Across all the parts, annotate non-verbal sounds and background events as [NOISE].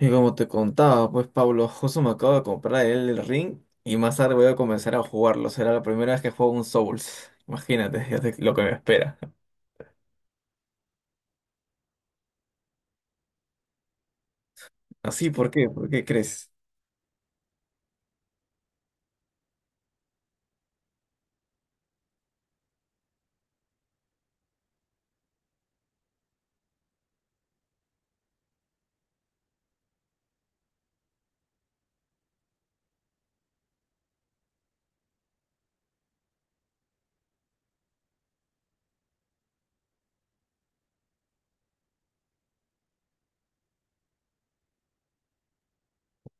Y como te contaba, pues Pablo, justo me acabo de comprar el ring y más tarde voy a comenzar a jugarlo. Será la primera vez que juego un Souls. Imagínate, [LAUGHS] lo que me espera. Así, ¿por qué? ¿Por qué crees?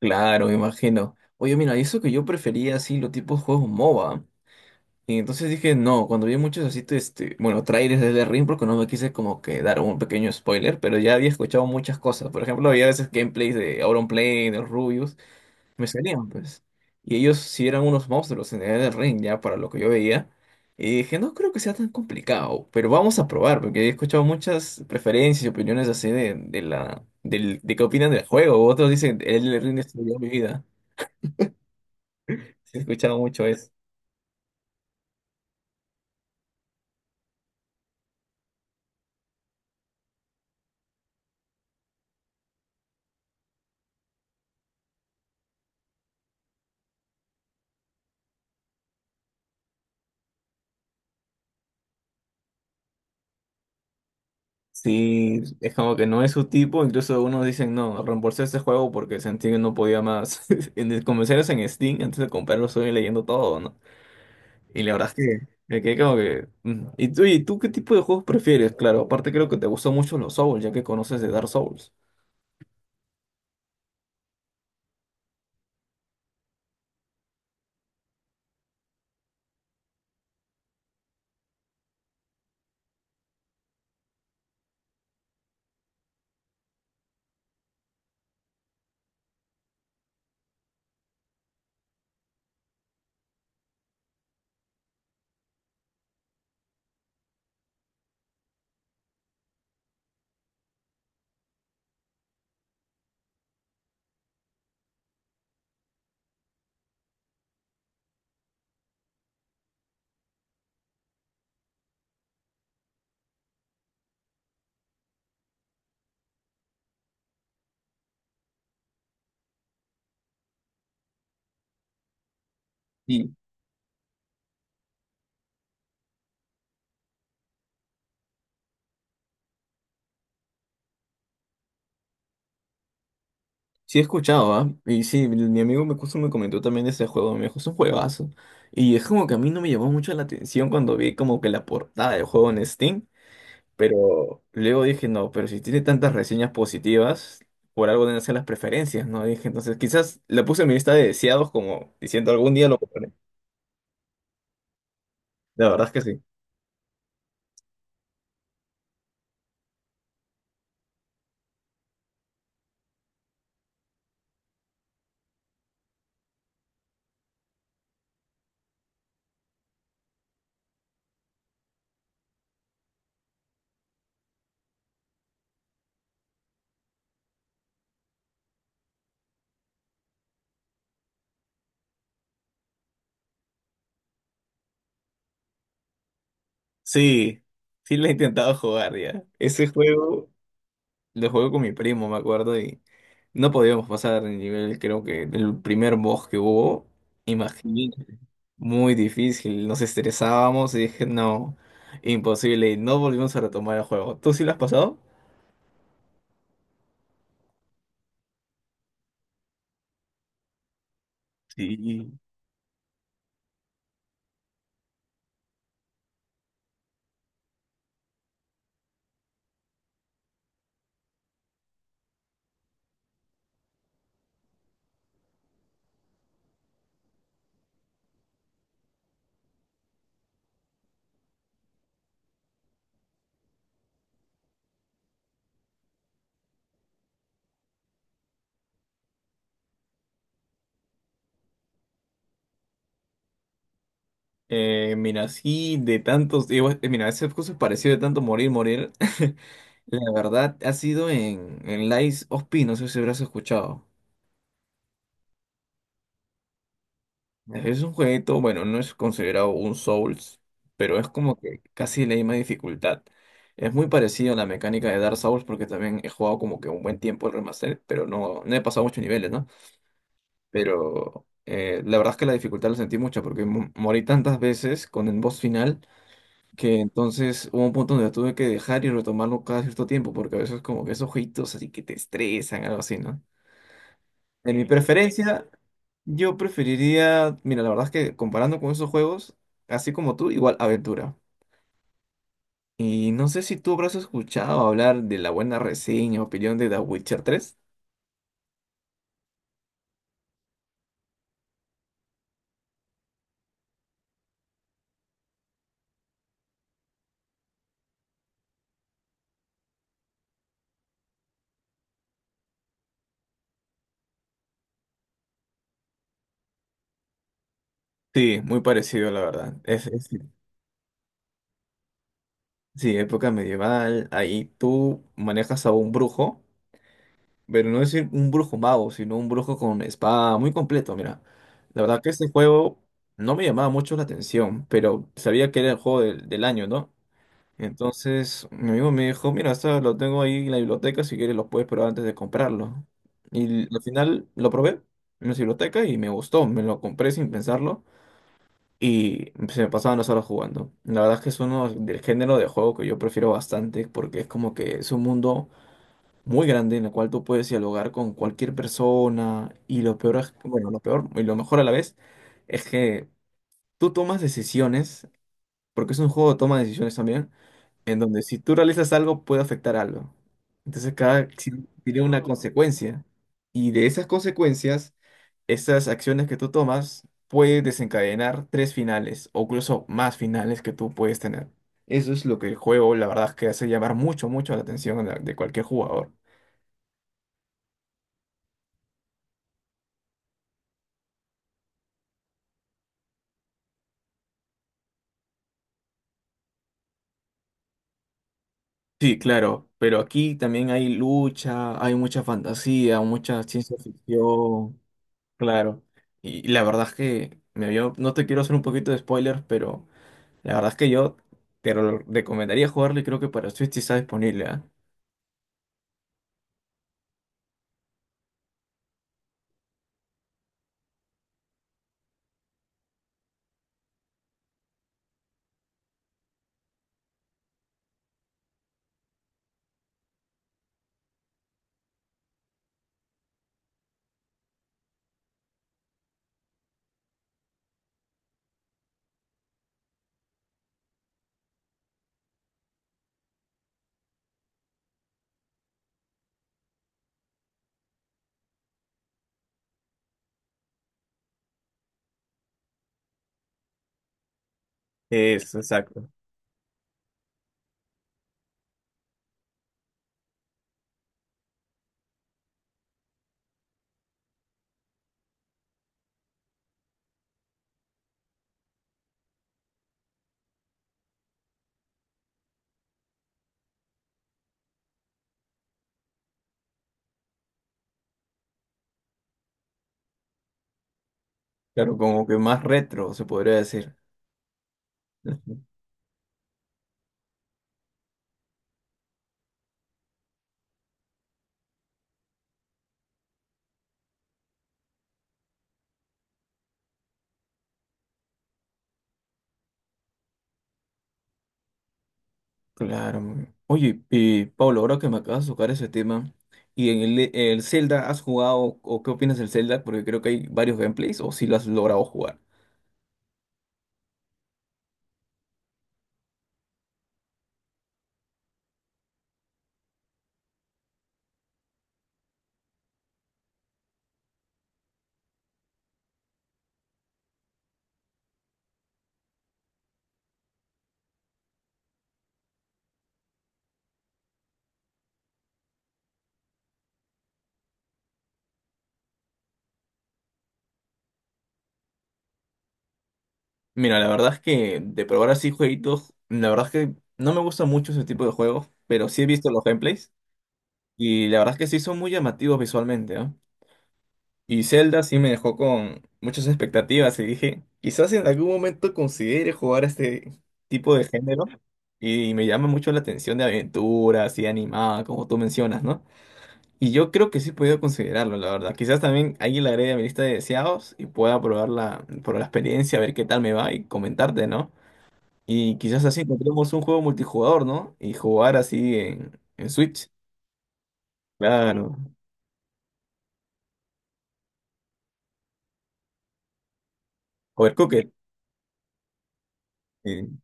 Claro, me imagino. Oye, mira, y eso que yo prefería así los tipos de juegos MOBA. Y entonces dije, no, cuando vi muchos así, bueno, trailers del ring, porque no me quise como que dar un pequeño spoiler, pero ya había escuchado muchas cosas. Por ejemplo, había veces gameplays de Auronplay, de Rubius. Me salían, pues. Y ellos sí eran unos monstruos en el ring, ya, para lo que yo veía. Y dije, no creo que sea tan complicado, pero vamos a probar, porque he escuchado muchas preferencias y opiniones así de, de qué opinan del juego. Otros dicen, el ring destruyó mi vida. Sí, he escuchado mucho eso. Sí, es como que no es su tipo, incluso algunos dicen, no, reembolsé este juego porque sentí que no podía más. [LAUGHS] Como si eras en Steam, antes de comprarlo estoy leyendo todo, ¿no? Y la verdad es que me quedé como que. Mm. ¿Y tú, qué tipo de juegos prefieres? Claro, aparte creo que te gustan mucho los Souls, ya que conoces de Dark Souls. Y sí he escuchado, ¿ah? Y sí, mi amigo me justo me comentó también de ese juego, me dijo, es un juegazo. Y es como que a mí no me llamó mucho la atención cuando vi como que la portada del juego en Steam. Pero luego dije, no, pero si tiene tantas reseñas positivas, por algo deben ser las preferencias, ¿no? Dije, entonces quizás la puse en mi lista de deseados como diciendo algún día lo compraré. La verdad es que sí. Sí, sí lo he intentado jugar ya. Ese juego lo jugué con mi primo, me acuerdo, y no podíamos pasar el nivel, creo que el primer boss que hubo, imagínate, muy difícil, nos estresábamos y dije, no, imposible, y no volvimos a retomar el juego. ¿Tú sí lo has pasado? Sí. Mira, así de tantos, mira, ese curso pareció de tanto morir, morir. [LAUGHS] La verdad ha sido en Lies of P, no sé si habrás escuchado. Es un jueguito, bueno, no es considerado un Souls, pero es como que casi la misma dificultad. Es muy parecido a la mecánica de Dark Souls porque también he jugado como que un buen tiempo el remaster, pero no, no he pasado muchos niveles, ¿no? Pero la verdad es que la dificultad la sentí mucho porque morí tantas veces con el boss final que entonces hubo un punto donde la tuve que dejar y retomarlo cada cierto tiempo, porque a veces como que esos jueguitos así que te estresan, algo así, ¿no? En mi Sí, sí. preferencia, yo preferiría, mira, la verdad es que comparando con esos juegos, así como tú, igual aventura. Y no sé si tú habrás escuchado hablar de la buena reseña, opinión de The Witcher tres. Sí, muy parecido, la verdad. Sí, época medieval, ahí tú manejas a un brujo. Pero no es un brujo mago, sino un brujo con espada muy completo, mira. La verdad que este juego no me llamaba mucho la atención, pero sabía que era el juego del año, ¿no? Entonces mi amigo me dijo, mira, esto lo tengo ahí en la biblioteca, si quieres lo puedes probar antes de comprarlo. Y al final lo probé en la biblioteca y me gustó, me lo compré sin pensarlo y se me pasaban las horas jugando. La verdad es que es uno del género de juego que yo prefiero bastante porque es como que es un mundo muy grande en la cual tú puedes dialogar con cualquier persona y lo peor, bueno, lo peor y lo mejor a la vez es que tú tomas decisiones, porque es un juego de toma de decisiones también, en donde si tú realizas algo puede afectar algo. Entonces cada acción tiene una consecuencia y de esas consecuencias, estas acciones que tú tomas puede desencadenar tres finales o incluso más finales que tú puedes tener. Eso es lo que el juego, la verdad, es que hace llamar mucho, mucho la atención de cualquier jugador. Sí, claro, pero aquí también hay lucha, hay mucha fantasía, mucha ciencia ficción, claro. Y la verdad es que me vio, no te quiero hacer un poquito de spoilers, pero la verdad es que yo te lo recomendaría jugarlo y creo que para Switch sí está disponible, ¿ah? Eso, exacto. Claro, como que más retro se podría decir. Ujú. Claro, muy bien. Oye, y Pablo, ahora que me acabas de tocar ese tema, ¿y en el Zelda has jugado o qué opinas del Zelda? Porque creo que hay varios gameplays o si lo has logrado jugar. Mira, la verdad es que de probar así jueguitos, la verdad es que no me gusta mucho ese tipo de juegos, pero sí he visto los gameplays y la verdad es que sí son muy llamativos visualmente, ¿no? Y Zelda sí me dejó con muchas expectativas y dije, quizás en algún momento considere jugar a este tipo de género y me llama mucho la atención de aventura, así animada, como tú mencionas, ¿no? Y yo creo que sí he podido considerarlo, la verdad. Quizás también ahí la agregue a mi lista de deseados y pueda probarla por la experiencia, a ver qué tal me va y comentarte, ¿no? Y quizás así encontremos un juego multijugador, ¿no? Y jugar así en Switch. Claro. Overcooked. Sí,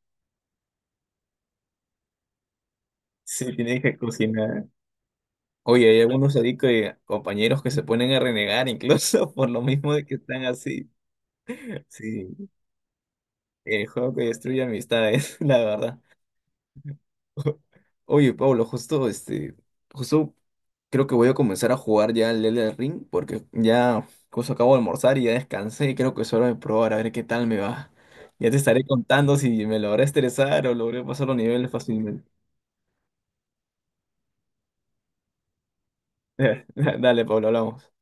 sí, tienes que cocinar. Oye, hay algunos ahí que, compañeros que se ponen a renegar incluso [LAUGHS] por lo mismo de que están así. Sí, el juego que destruye amistades, [LAUGHS] la verdad. [LAUGHS] Oye, Pablo, justo este, justo creo que voy a comenzar a jugar ya el Elden Ring porque ya justo acabo de almorzar y ya descansé y creo que es hora de probar a ver qué tal me va. Ya te estaré contando si me logré estresar o logré pasar los niveles fácilmente. [LAUGHS] Dale, Pablo, hablamos.